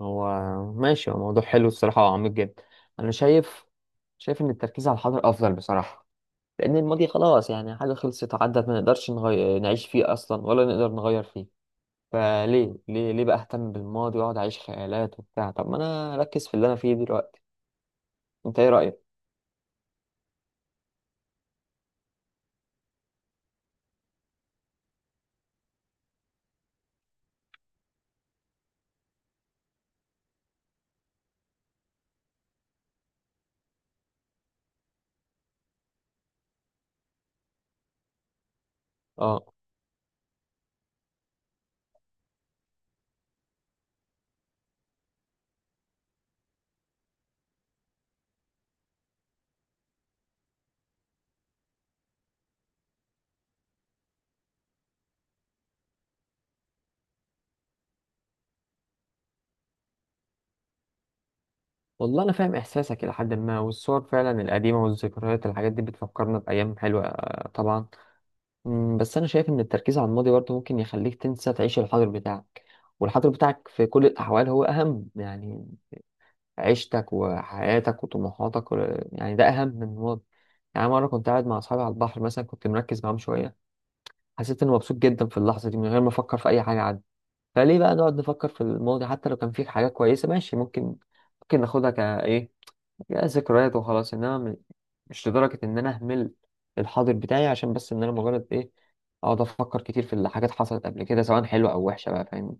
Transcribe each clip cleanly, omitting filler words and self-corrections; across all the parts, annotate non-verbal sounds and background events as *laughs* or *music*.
هو ماشي، هو موضوع حلو الصراحة وعميق جدا. أنا شايف، إن التركيز على الحاضر أفضل بصراحة، لأن الماضي خلاص يعني حاجة خلصت عدت، ما نقدرش نعيش فيه أصلا ولا نقدر نغير فيه. فليه ليه ليه بقى أهتم بالماضي وأقعد أعيش خيالات وبتاع؟ طب ما أنا أركز في اللي أنا فيه دلوقتي. أنت إيه رأيك؟ آه، والله أنا فاهم إحساسك إلى حد ما، والصور فعلا القديمة والذكريات الحاجات دي بتفكرنا بأيام حلوة، آه، طبعا. مم، بس أنا شايف إن التركيز على الماضي برضه ممكن يخليك تنسى تعيش الحاضر بتاعك، والحاضر بتاعك في كل الأحوال هو أهم. يعني عيشتك وحياتك وطموحاتك يعني ده أهم من الماضي. يعني مرة كنت قاعد مع أصحابي على البحر مثلا، كنت مركز معاهم شوية، حسيت إني مبسوط جدا في اللحظة دي من غير ما أفكر في أي حاجة عادي. فليه بقى نقعد نفكر في الماضي؟ حتى لو كان فيه حاجات كويسة، ماشي، ممكن ناخدها كإيه، يا ذكريات وخلاص، انما مش لدرجة ان انا اهمل الحاضر بتاعي عشان بس ان انا مجرد ايه، اقعد افكر كتير في اللي حاجات حصلت قبل كده، سواء حلوة او وحشة بقى، فاهم؟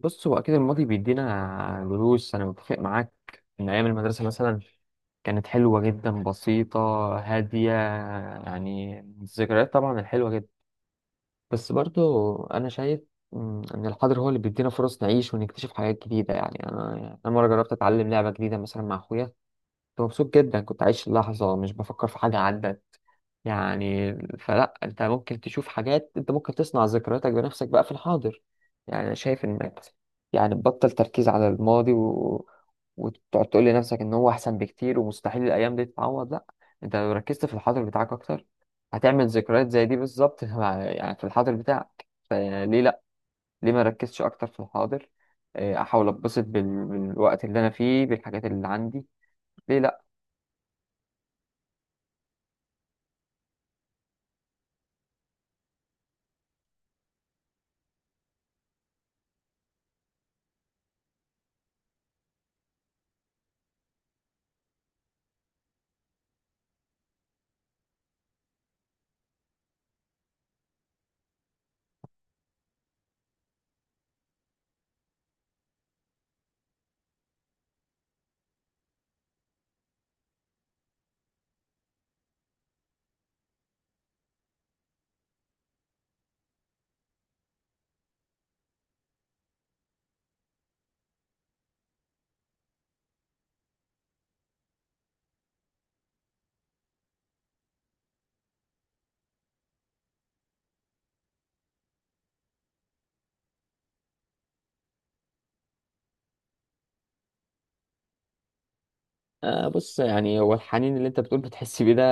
بص، هو اكيد الماضي بيدينا دروس، انا متفق معاك ان ايام المدرسة مثلا كانت حلوة جدا، بسيطة، هادية، يعني الذكريات طبعا الحلوة جدا. بس برضو أنا شايف، مم، إن الحاضر هو اللي بيدينا فرص نعيش ونكتشف حاجات جديدة. يعني أنا، يعني أنا مرة جربت أتعلم لعبة جديدة مثلا مع أخويا، كنت مبسوط جدا، كنت عايش اللحظة، مش بفكر في حاجة عدت. يعني فلا، انت ممكن تشوف حاجات، انت ممكن تصنع ذكرياتك بنفسك بقى في الحاضر. يعني انا شايف انك يعني تبطل تركيز على الماضي وتقعد تقول لنفسك ان هو احسن بكتير ومستحيل الايام دي تتعوض. لا، انت لو ركزت في الحاضر بتاعك اكتر، هتعمل ذكريات زي دي بالظبط *laughs* يعني في الحاضر بتاعك، فليه لا؟ ليه ما ركزش اكتر في الحاضر؟ اه، احاول اتبسط بالوقت اللي انا فيه، بالحاجات اللي عندي. ليه لا؟ آه، بص، يعني هو الحنين اللي انت بتقول بتحس بيه ده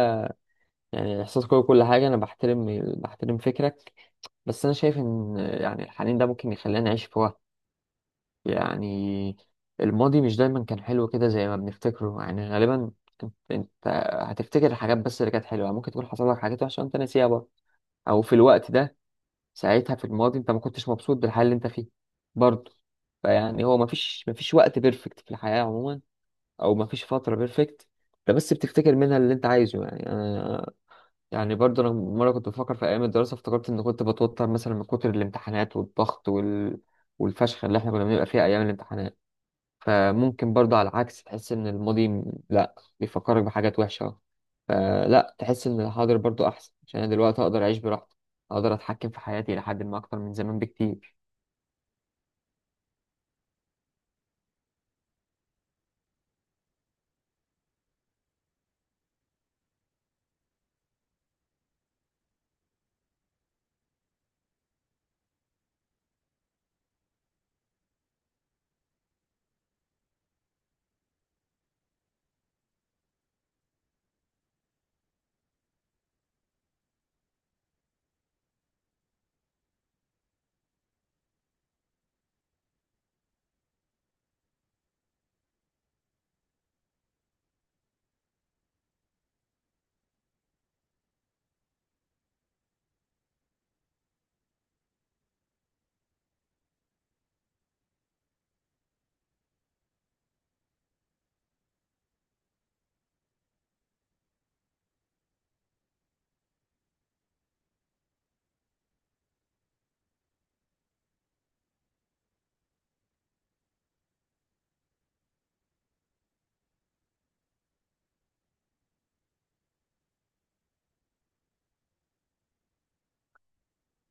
يعني احساس قوي، كل حاجه، انا بحترم فكرك. بس انا شايف ان يعني الحنين ده ممكن يخلينا نعيش في وقت، يعني الماضي مش دايما كان حلو كده زي ما بنفتكره، يعني غالبا انت هتفتكر الحاجات بس اللي كانت حلوه، ممكن تكون حصل لك حاجات وحشه وانت ناسيها برضه، او في الوقت ده ساعتها في الماضي انت ما كنتش مبسوط بالحال اللي انت فيه برضه. فيعني هو مفيش وقت بيرفكت في الحياه عموما، او ما فيش فتره بيرفكت، ده بس بتفتكر منها اللي انت عايزه. يعني انا، يعني برضه انا مره كنت بفكر في ايام الدراسه، افتكرت ان كنت بتوتر مثلا من كتر الامتحانات والضغط والفشخ اللي احنا كنا بنبقى فيها ايام الامتحانات. فممكن برضه على العكس تحس ان الماضي لا، بيفكرك بحاجات وحشه. فلا، تحس ان الحاضر برضه احسن، عشان انا دلوقتي اقدر اعيش براحتي، اقدر اتحكم في حياتي لحد ما اكتر من زمان بكتير.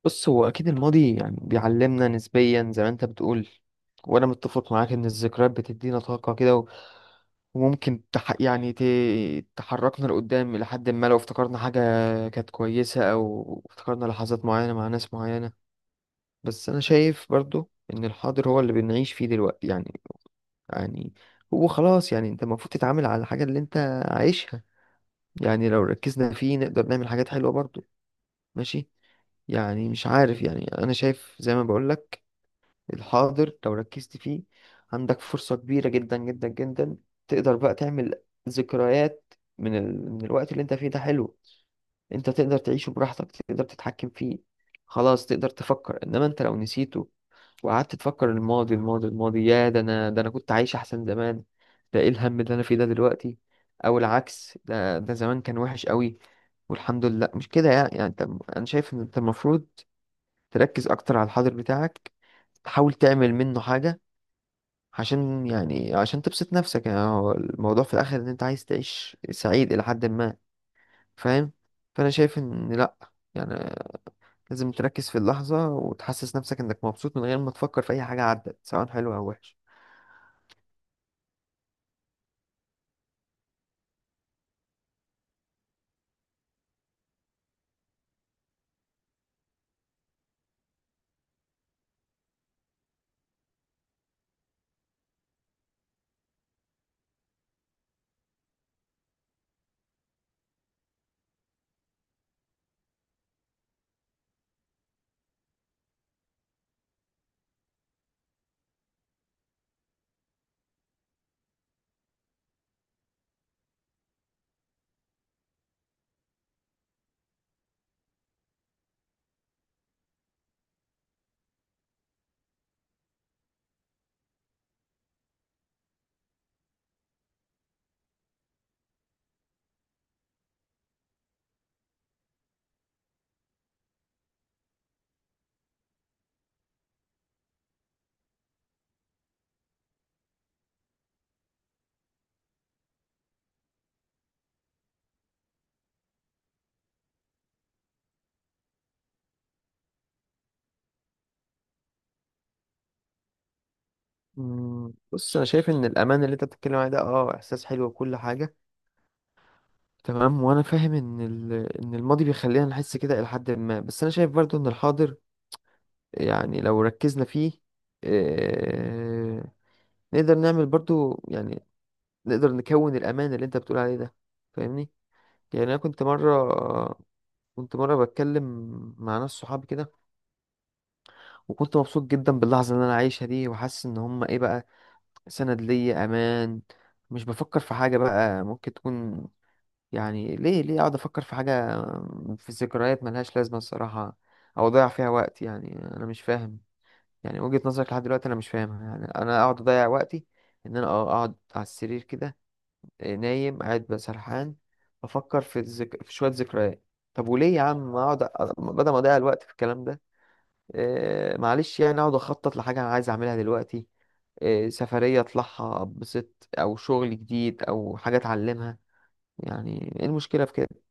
بص، هو أكيد الماضي يعني بيعلمنا نسبيا زي ما أنت بتقول، وأنا متفق معاك إن الذكريات بتدينا طاقة كده و- وممكن تح يعني ت... تحركنا لقدام إلى حد ما، لو افتكرنا حاجة كانت كويسة أو افتكرنا لحظات معينة مع ناس معينة. بس أنا شايف برضو إن الحاضر هو اللي بنعيش فيه دلوقتي يعني. يعني هو خلاص، يعني أنت المفروض تتعامل على الحاجة اللي أنت عايشها. يعني لو ركزنا فيه نقدر نعمل حاجات حلوة برضو، ماشي؟ يعني مش عارف، يعني أنا شايف زي ما بقولك، الحاضر لو ركزت فيه عندك فرصة كبيرة جدا جدا جدا، تقدر بقى تعمل ذكريات من من الوقت اللي انت فيه ده، حلو، انت تقدر تعيشه براحتك، تقدر تتحكم فيه، خلاص، تقدر تفكر. انما انت لو نسيته وقعدت تفكر الماضي، الماضي، الماضي، يا ده انا ده انا كنت عايش احسن زمان، ده ايه الهم اللي انا فيه ده دلوقتي، او العكس، ده زمان كان وحش قوي والحمد لله مش كده. يعني انت، انا شايف ان انت المفروض تركز اكتر على الحاضر بتاعك، تحاول تعمل منه حاجة عشان يعني عشان تبسط نفسك. يعني هو الموضوع في الاخر ان انت عايز تعيش سعيد الى حد ما، فاهم؟ فانا شايف ان لا، يعني لازم تركز في اللحظة وتحسس نفسك انك مبسوط من غير ما تفكر في اي حاجة عدت سواء حلوة او وحشة. أمم، بص، انا شايف ان الامان اللي انت بتتكلم عليه ده اه احساس حلو وكل حاجة، تمام، وانا فاهم ان ان الماضي بيخلينا نحس كده الى حد ما. بس انا شايف برضو ان الحاضر يعني لو ركزنا فيه، آه، نقدر نعمل برضو يعني، نقدر نكون الأمان اللي أنت بتقول عليه ده، فاهمني؟ يعني أنا كنت مرة، بتكلم مع ناس صحابي كده، وكنت مبسوط جدا باللحظة اللي أنا عايشها دي، وحاسس إن هما إيه بقى، سند ليا، أمان، مش بفكر في حاجة بقى ممكن تكون. يعني ليه أقعد أفكر في حاجة، في ذكريات ملهاش لازمة الصراحة، أو أضيع فيها وقت؟ يعني أنا مش فاهم يعني وجهة نظرك لحد دلوقتي، أنا مش فاهمها. يعني أنا أقعد أضيع وقتي إن أنا أقعد على السرير كده، آه، نايم قاعد بقى سرحان، بفكر في في شوية ذكريات؟ طب وليه يا عم؟ اقعد بدل ما اضيع الوقت في الكلام ده، آه معلش، يعني اقعد اخطط لحاجة انا عايز اعملها دلوقتي، آه، سفرية اطلعها اتبسط، او شغل جديد، او حاجة اتعلمها. يعني ايه المشكلة في كده؟